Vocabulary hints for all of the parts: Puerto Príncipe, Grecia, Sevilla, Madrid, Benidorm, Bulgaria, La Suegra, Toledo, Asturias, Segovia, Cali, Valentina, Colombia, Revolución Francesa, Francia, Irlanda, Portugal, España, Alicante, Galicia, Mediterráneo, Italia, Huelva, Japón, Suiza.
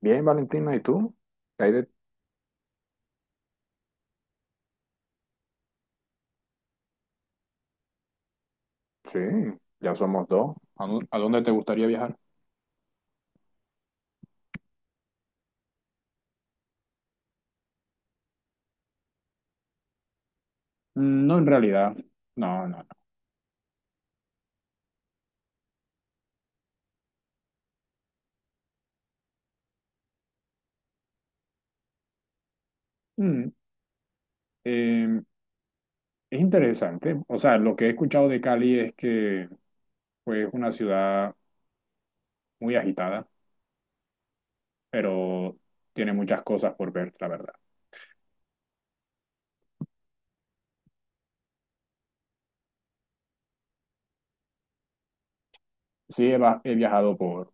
Bien, Valentina, ¿y tú? ¿Qué hay de- Sí, ya somos dos. ¿A dónde te gustaría viajar? No, en realidad. No, no, no. Mm, eh, es interesante. O sea, lo que he escuchado de Cali es que pues, es una ciudad muy agitada, pero tiene muchas cosas por ver, la verdad. Sí, he viajado por,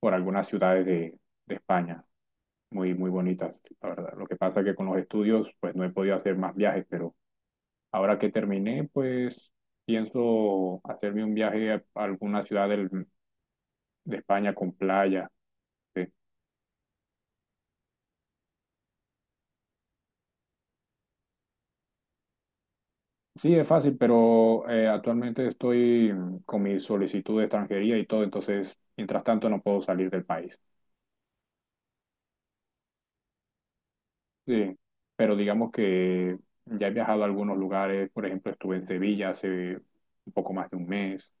por algunas ciudades de España, muy, muy bonitas, la verdad. Lo que pasa es que con los estudios pues, no he podido hacer más viajes, pero. Ahora que terminé, pues pienso hacerme un viaje a alguna ciudad de España con playa. Sí. Sí, es fácil, pero actualmente estoy con mi solicitud de extranjería y todo, entonces, mientras tanto, no puedo salir del país. Sí, pero digamos que ya he viajado a algunos lugares, por ejemplo, estuve en Sevilla hace un poco más de un mes,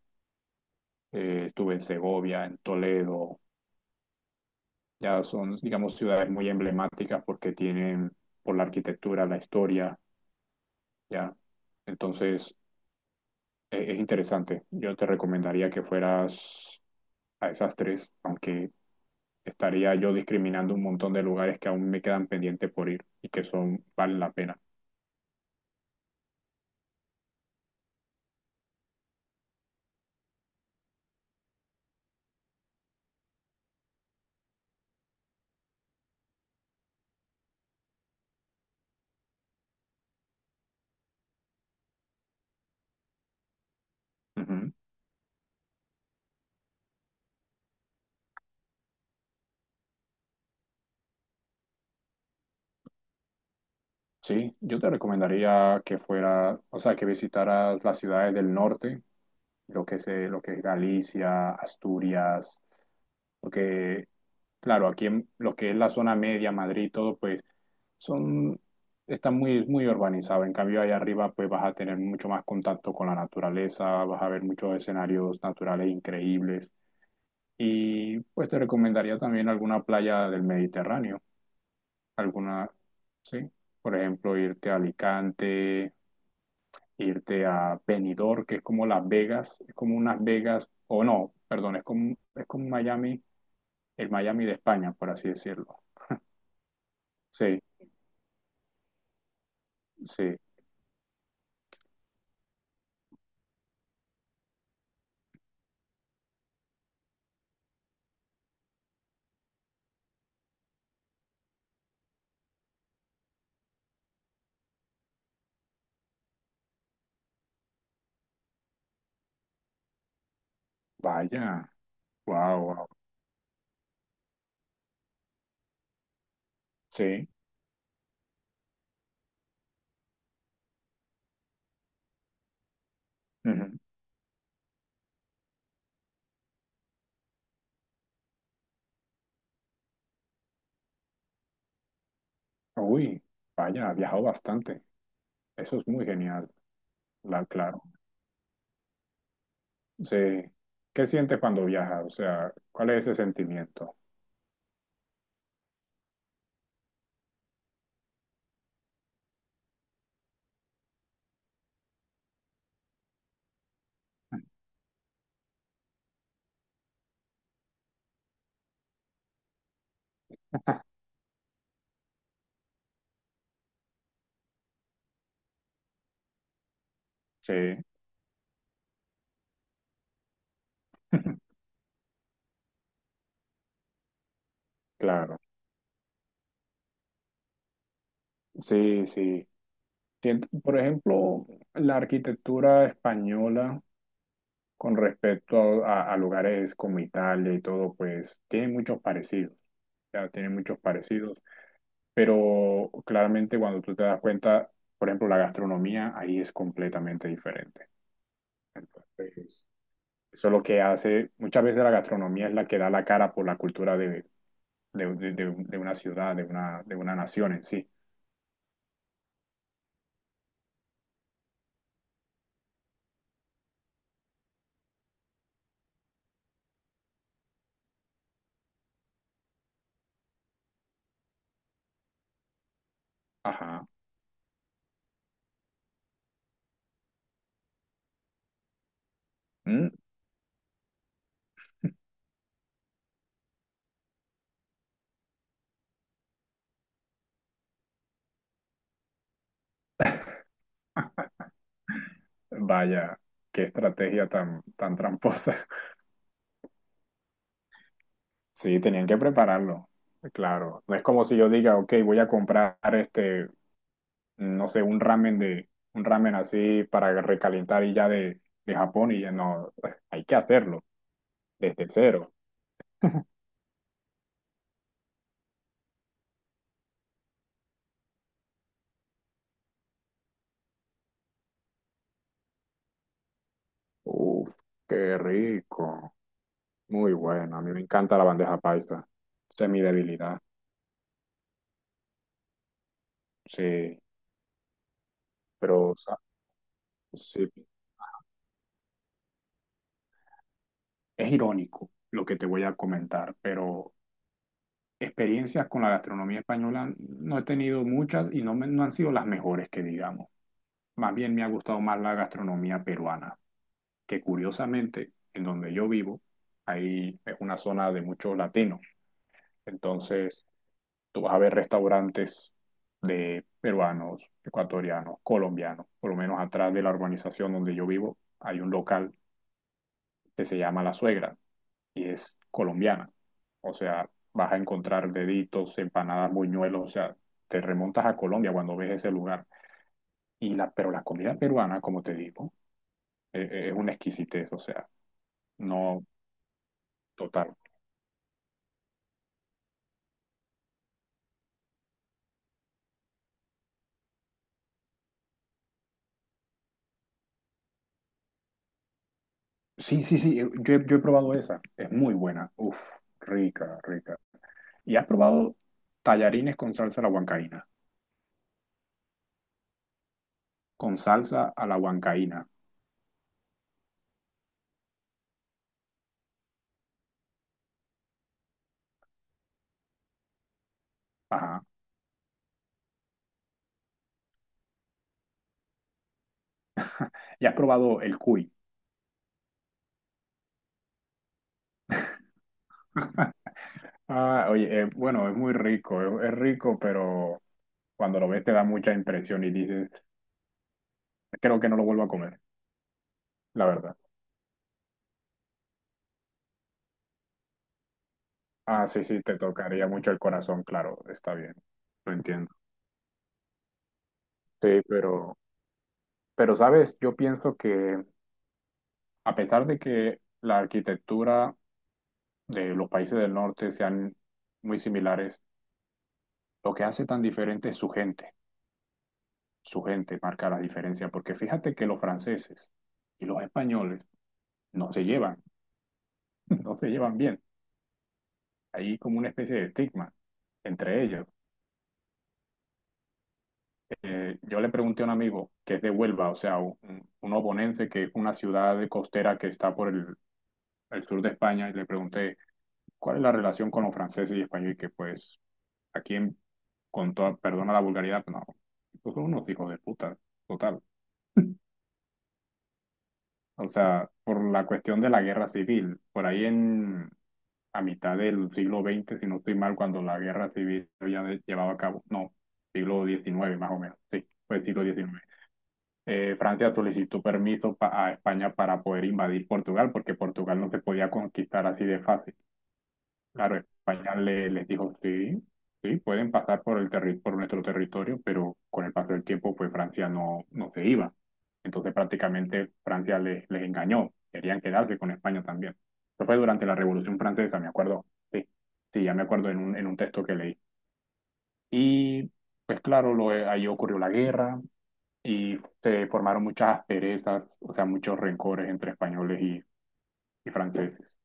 estuve en Segovia, en Toledo, ya son, digamos, ciudades muy emblemáticas porque tienen por la arquitectura, la historia. Ya. Entonces, es interesante. Yo te recomendaría que fueras a esas tres, aunque estaría yo discriminando un montón de lugares que aún me quedan pendientes por ir y que son, valen la pena. Ujú. Sí, yo te recomendaría que fuera, o sea, que visitaras las ciudades del norte, lo que es Galicia, Asturias, porque, claro, aquí en lo que es la zona media, Madrid, todo, pues son, está muy, muy urbanizado. En cambio, allá arriba, pues vas a tener mucho más contacto con la naturaleza, vas a ver muchos escenarios naturales increíbles. Y pues te recomendaría también alguna playa del Mediterráneo, alguna, sí, por ejemplo, irte a Alicante, irte a Benidorm, que es como Las Vegas, es como unas Vegas, o no, perdón, es como Miami, el Miami de España, por así decirlo. Sí, sí, vaya, wow, wow, sí. Ujú. Uy, vaya, ha viajado bastante. Eso es muy genial. Claro. Sí. ¿Qué sientes cuando viajas? O sea, ¿cuál es ese sentimiento? Sí, claro. Sí, sí. Por ejemplo, la arquitectura española con respecto a lugares como Italia y todo, pues tiene muchos parecidos. Ya tiene muchos parecidos. Pero claramente cuando tú te das cuenta, por ejemplo, la gastronomía ahí es completamente diferente. Entonces, eso es lo que hace, muchas veces la gastronomía es la que da la cara por la cultura de una ciudad, de una nación en sí. Ajá. Mm, Vaya, qué estrategia tan, tan tramposa. Sí, tenían que prepararlo. Claro. No es como si yo diga, ok, voy a comprar este, no sé, un ramen así para recalentar y ya de Japón y ya no, hay que hacerlo desde cero. Uf, qué rico. Muy bueno, a mí me encanta la bandeja paisa. Esa es mi debilidad. Sí, pero o sea, sí. Es irónico lo que te voy a comentar, pero experiencias con la gastronomía española no he tenido muchas y no, no han sido las mejores que digamos. Más bien me ha gustado más la gastronomía peruana, que curiosamente en donde yo vivo, ahí es una zona de muchos latinos. Entonces, tú vas a ver restaurantes de peruanos, ecuatorianos, colombianos. Por lo menos atrás de la urbanización donde yo vivo hay un local que se llama La Suegra y es colombiana. O sea, vas a encontrar deditos, empanadas, buñuelos. O sea, te remontas a Colombia cuando ves ese lugar. Pero la comida peruana, como te digo, es una exquisitez. O sea, no total. Sí, sí, sí, yo he probado esa. Es muy buena. Uf, rica, rica. ¿Y has probado tallarines con salsa a la huancaína? Con salsa a la huancaína. Ajá. ¿Y has probado el cuy? Ah, oye, bueno, es muy rico, es rico, pero cuando lo ves te da mucha impresión y dices, creo que no lo vuelvo a comer, la verdad. Ah, sí, sí, te tocaría mucho el corazón, claro, está bien, lo entiendo. Sí, pero sabes, yo pienso que a pesar de que la arquitectura de los países del norte sean muy similares, lo que hace tan diferente es su gente. Su gente marca la diferencia, porque fíjate que los franceses y los españoles no se llevan, no se llevan bien. Hay como una especie de estigma entre ellos. Yo le pregunté a un amigo que es de Huelva, o sea, un oponense que es una ciudad costera que está por el sur de España, y le pregunté cuál es la relación con los franceses y españoles, y que pues aquí, con toda, perdona la vulgaridad, pero no, pues son unos hijos de puta, total. O sea, por la cuestión de la guerra civil. Por ahí en a mitad del siglo XX, si no estoy mal, cuando la guerra civil ya llevaba a cabo. No, siglo XIX, más o menos. Sí, fue siglo XIX. Francia solicitó permiso a España para poder invadir Portugal, porque Portugal no se podía conquistar así de fácil. Claro, España les dijo, sí, sí, pueden pasar por por nuestro territorio, pero con el paso del tiempo, pues Francia no, no se iba. Entonces prácticamente Francia les engañó, querían quedarse con España también. Eso fue durante la Revolución Francesa, me acuerdo. Sí, sí, ya me acuerdo en un texto que leí. Y pues claro, ahí ocurrió la guerra y se formaron muchas asperezas, o sea, muchos rencores entre españoles y franceses.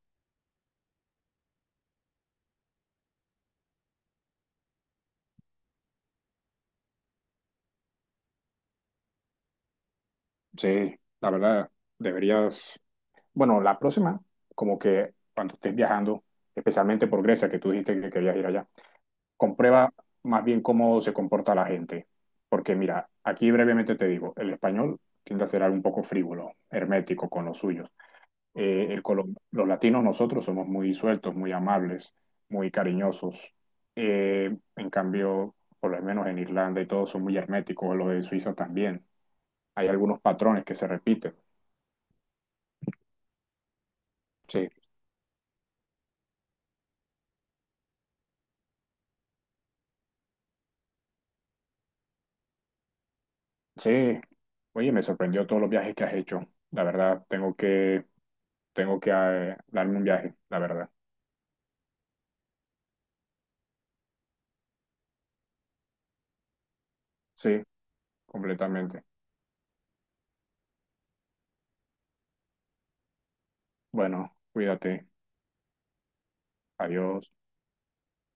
Sí, la verdad, deberías. Bueno, la próxima, como que cuando estés viajando, especialmente por Grecia, que tú dijiste que querías ir allá, comprueba más bien cómo se comporta la gente. Porque mira, aquí brevemente te digo, el español tiende a ser algo un poco frívolo, hermético con los suyos. Los latinos nosotros somos muy sueltos, muy amables, muy cariñosos. En cambio, por lo menos en Irlanda y todo son muy herméticos, lo de Suiza también. Hay algunos patrones que se repiten. Sí. Sí, oye, me sorprendió todos los viajes que has hecho. La verdad, tengo que darme un viaje, la verdad. Sí, completamente. Bueno, cuídate. Adiós.